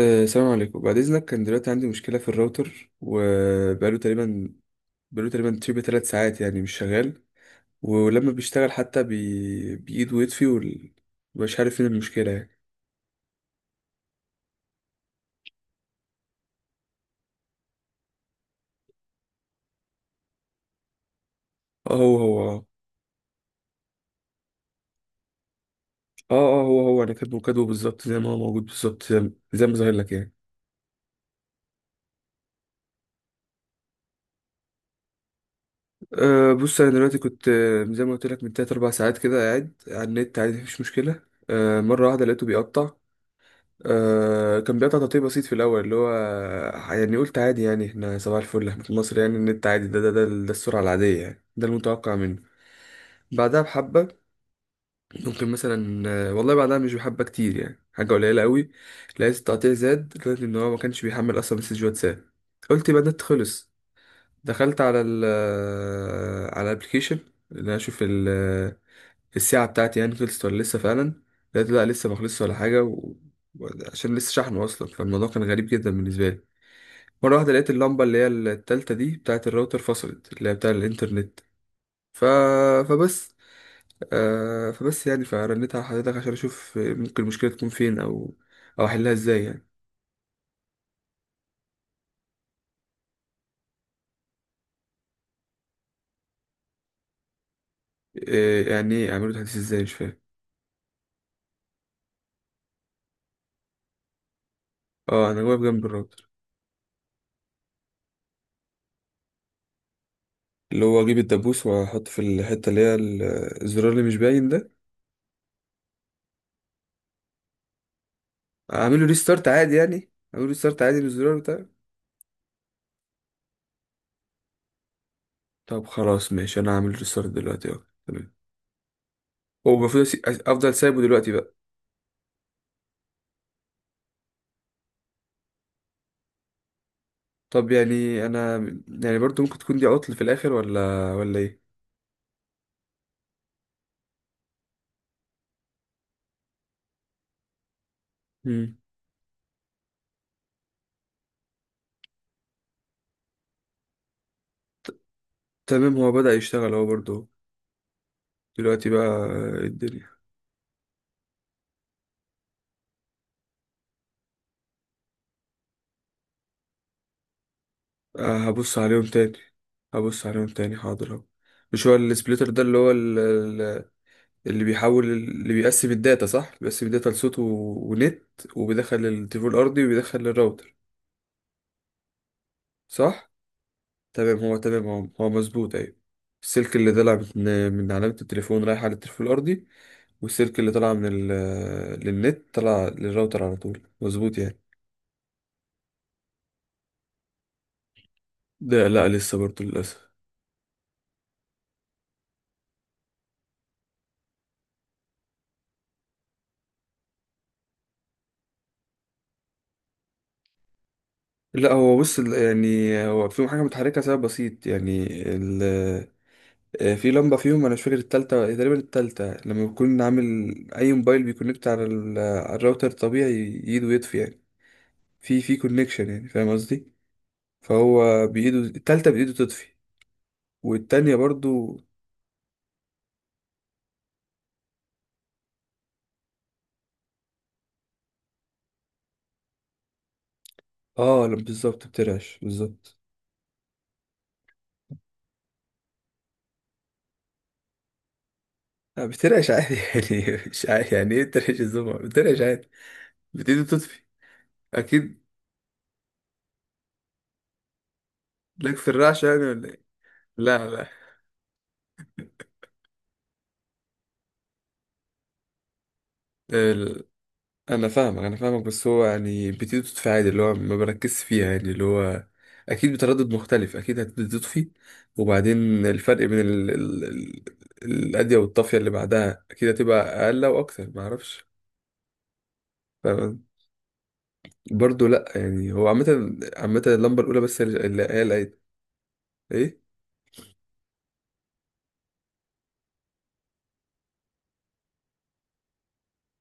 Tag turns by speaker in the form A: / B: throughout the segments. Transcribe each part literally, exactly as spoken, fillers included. A: أه، السلام عليكم. بعد إذنك، كان دلوقتي عندي مشكلة في الراوتر، وبقاله تقريبا بقاله تقريبا تشبه تلات ساعات، يعني مش شغال. ولما بيشتغل حتى بي... بإيد ويطفي وال... مش عارف فين المشكلة يعني. اه هو هو اه. اه، آه، هو هو أنا كاتبه كاتبه بالظبط، زي ما هو موجود بالظبط، زي ما زي ما ظاهر لك يعني. أه بص، أنا دلوقتي كنت آه، زي ما قلت لك من تلات أربع ساعات كده، قاعد على النت عادي، مفيش مشكلة. أه مرة واحدة لقيته بيقطع. آه كان بيقطع تقطيع بسيط في الأول اللي هو، يعني قلت عادي، يعني احنا صباح الفل، احنا في مصر، يعني النت عادي، ده ده ده, ده السرعة العادية، يعني ده المتوقع منه. بعدها بحبة، ممكن مثلا، آه، والله بعدها مش بحبة كتير، يعني حاجة قليلة قوي. لقيت التقطيع زاد، لقيت إن هو ما كانش بيحمل أصلا مسج واتساب. قلت يبقى النت خلص. دخلت على ال آه، على الابلكيشن، اللي أنا أشوف الساعة بتاعتي، يعني خلصت ولا لسه فعلا. لقيت لا لسه ما خلصتش ولا حاجة، و... و- عشان لسه شحنه أصلا، فالموضوع كان غريب جدا بالنسبة لي. مرة واحدة لقيت اللمبة اللي هي التالتة دي بتاعت الراوتر، فصلت اللي هي بتاع الإنترنت. ف... فبس آه فبس يعني فرنيت على حضرتك عشان أشوف ممكن المشكلة تكون فين، أو أو أحلها إزاي يعني. إيه يعني إيه أعمله تحديث إزاي، مش فاهم. أه، أنا واقف جنب الراوتر. اللي هو أجيب الدبوس وأحطه في الحتة اللي هي ال- الزرار اللي مش باين ده. أعمله ريستارت عادي، يعني أعمله ريستارت عادي بالزرار بتاعي. طب خلاص ماشي، انا هعمل ريستارت دلوقتي اهو. تمام. هو المفروض أسي- افضل سايبه دلوقتي بقى. طب يعني انا، يعني برضو ممكن تكون دي عطل في الاخر، ولا ولا ايه؟ مم. تمام هو بدأ يشتغل اهو برضو دلوقتي بقى، آه، الدنيا. أه هبص عليهم تاني. هبص عليهم تاني، حاضر اهو. مش هو السبليتر ده اللي هو ال- ال- اللي بيحول، اللي بيقسم الداتا، صح؟ بيقسم الداتا لصوت و- ونت، وبيدخل التليفون الارضي وبيدخل الراوتر، صح؟ تمام، هو تمام، هو هو مظبوط، ايوه. السلك اللي طلع من من علامة التليفون رايح على التليفون الأرضي، والسلك اللي طلع من ال... للنت طلع للراوتر على طول، مظبوط يعني. ده لا، لسه برضه للأسف. لا، هو بص ال- يعني هو فيهم حاجة متحركة، سبب بسيط يعني. ال... آه، في لمبة فيهم، أنا مش فاكر، التالتة تقريبا، التالتة لما بكون عامل أي موبايل بيكونكت على، ال... على الراوتر، طبيعي يده يطفي يعني، في في كونكشن، يعني فاهم قصدي. فهو بإيده التالتة، بإيده تطفي، والتانية برضو. اه، لما بالظبط بترعش، بالظبط. لا بترعش عادي يعني مش عادي، يعني ايه بترعش الزمع، بترعش عادي، بتيجي تطفي. اكيد. لك في الرعش يعني، ولا ايه؟ لا، لا. ال... انا فاهمك، انا فاهمك، بس هو يعني بتيجي تطفي عادي، اللي هو ما بركزش فيها يعني، اللي هو اكيد بتردد مختلف، اكيد هتبتدي تطفي، وبعدين الفرق بين ال... ال... ال... الادية والطافية اللي بعدها اكيد هتبقى اقل واكتر، ما اعرفش. برضه لا، يعني هو عامة، عامة اللمبة الأولى بس اللي هي لقيت. إيه؟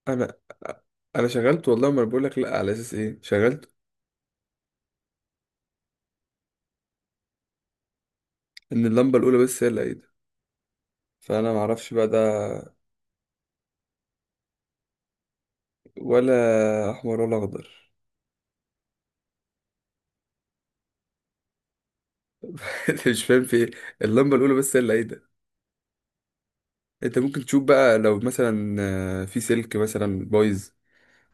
A: أنا أنا شغلت والله. ما أنا بقول لك، لا على أساس إيه شغلت إن اللمبة الأولى بس هي اللي لقيت، فأنا معرفش بقى ده. ولا أحمر ولا أخضر. أنت مش فاهم في إيه. اللمبة الأولى بس هي اللي لقيت. أنت ممكن تشوف بقى، لو مثلا آه، في سلك مثلا بايظ،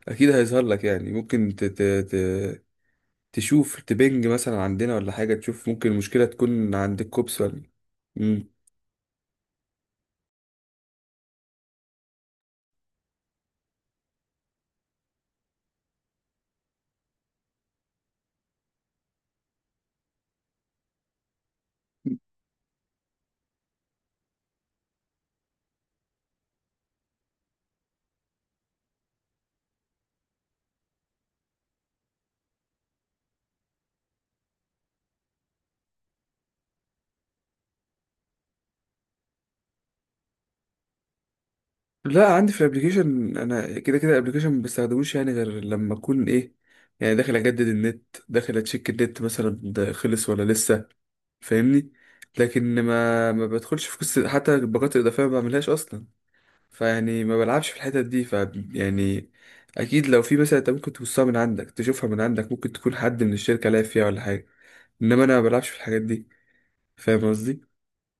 A: أكيد هيظهر لك يعني، ممكن ت... ت... ت... تشوف، تبنج مثلا عندنا ولا حاجة، تشوف ممكن المشكلة تكون عند الكوبس، ولا. لا، عندي في الابليكيشن انا كده كده الابليكيشن ما بستخدموش، يعني غير لما اكون ايه، يعني داخل اجدد النت، داخل اتشيك النت مثلا ده خلص ولا لسه، فاهمني. لكن ما ما بدخلش في قصه، حتى الباقات الاضافيه ما بعملهاش اصلا، فيعني ما بلعبش في الحتت دي. ف يعني اكيد لو في مثلا، انت ممكن تبصها من عندك، تشوفها من عندك، ممكن تكون حد من الشركه لعب فيها ولا حاجه، انما انا ما بلعبش في الحاجات دي، فاهم قصدي.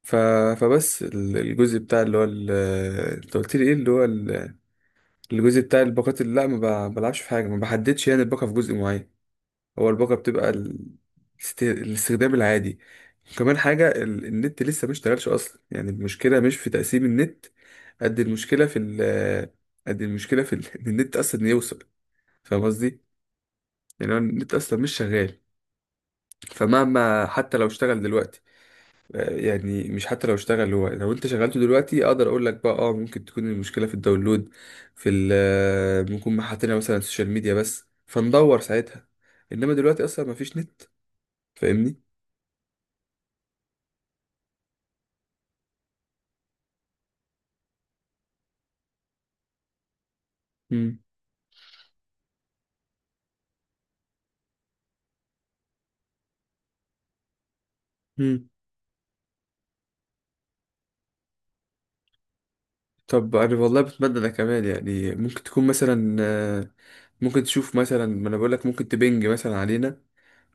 A: ف... فبس ال- الجزء بتاع، اللي هو ال... انت قلت لي ايه، اللي هو الجزء بتاع الباقات، اللي لا ما ب- بلعبش في حاجة، ما بحددش يعني الباقة في جزء معين. هو الباقة بتبقى ال- است- الاستخدام العادي. وكمان حاجة، ال- النت لسه ما اشتغلش أصلا، يعني المشكلة مش في تقسيم النت، قد المشكلة في ال قد المشكلة في ال- إن النت أصلا يوصل، فاهم قصدي؟ يعني هو النت أصلا مش شغال، فمهما حتى لو اشتغل دلوقتي، يعني مش حتى لو اشتغل، هو لو انت شغلته دلوقتي اقدر اقول لك بقى اه ممكن تكون المشكله في الداونلود، في ال آه، ممكن ما حاطينها مثلا السوشيال ميديا بس فندور ساعتها، انما دلوقتي اصلا ما فيش نت، فاهمني. مم. مم. طب انا والله بتمنى ده كمان، يعني ممكن تكون مثلا، آه، ممكن تشوف مثلا، ما انا بقول لك ممكن تبنج مثلا علينا،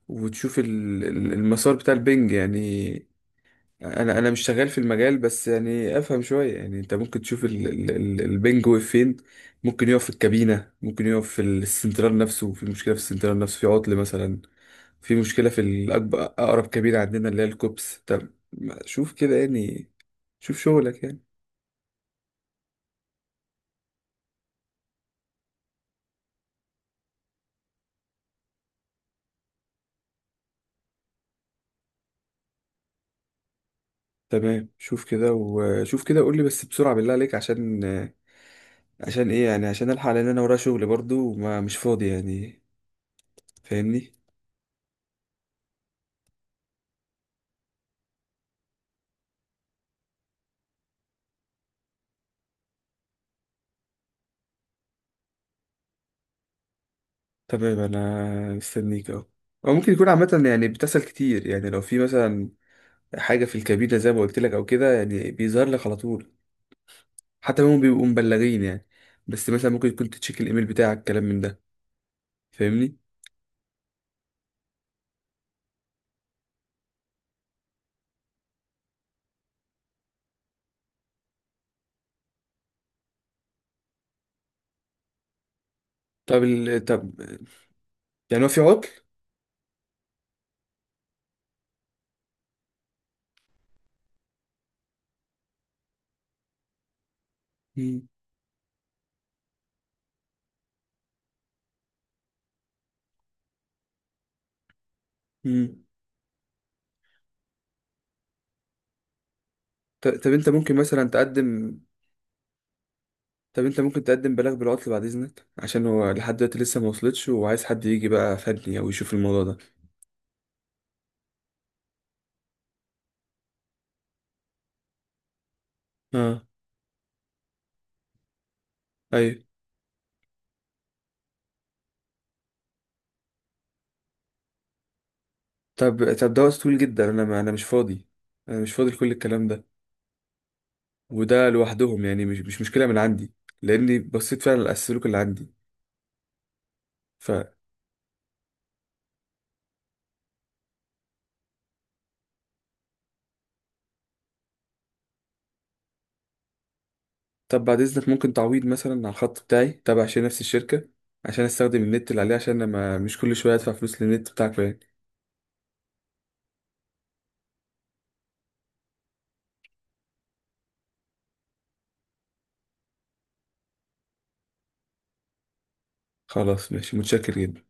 A: وتشوف ال- ال- المسار بتاع البنج يعني يعني انا انا مش شغال في المجال، بس يعني افهم شويه، يعني انت ممكن تشوف ال- ال- ال- البنج واقف فين. ممكن يقف في الكابينه، ممكن يقف في السنترال نفسه، في مشكله في السنترال نفسه، في عطل مثلا، في مشكله في الأكبر اقرب كابينه عندنا اللي هي الكوبس. طب ما- شوف كده يعني، شوف شغلك يعني. تمام، شوف كده وشوف كده، قول لي بس بسرعه بالله عليك، عشان عشان ايه يعني، عشان الحق، لان انا ورايا شغل برضو وما مش فاضي يعني، فاهمني. تمام انا مستنيك اهو. او ممكن يكون عامة، يعني بتحصل كتير يعني، لو في مثلا حاجة في الكابينة زي ما قلت لك او كده، يعني بيظهر لك على طول، حتى هم بيبقوا مبلغين يعني، بس مثلا ممكن تكون تتشيك الايميل بتاعك كلام من ده، فاهمني. طب ال... طب يعني هو في عطل؟ مم. مم. ط- طب انت ممكن مثلا تقدم طب انت ممكن تقدم بلاغ بالعطل بعد اذنك، عشان هو لحد دلوقتي لسه ما وصلتش، وعايز حد يجي بقى فني او يشوف الموضوع ده. اه. ايوه. طب طب ده وقت طويل جدا. انا ما انا مش فاضي، انا مش فاضي لكل الكلام ده، وده لوحدهم يعني مش مش مشكله من عندي، لاني بصيت فعلا على السلوك اللي عندي. ف طب بعد اذنك، ممكن تعويض مثلا على الخط بتاعي تابع عشان نفس الشركه، عشان استخدم النت اللي عليه، عشان انا ما مش كل شويه ادفع فلوس للنت بتاعكم يعني. خلاص ماشي، متشكر جدا.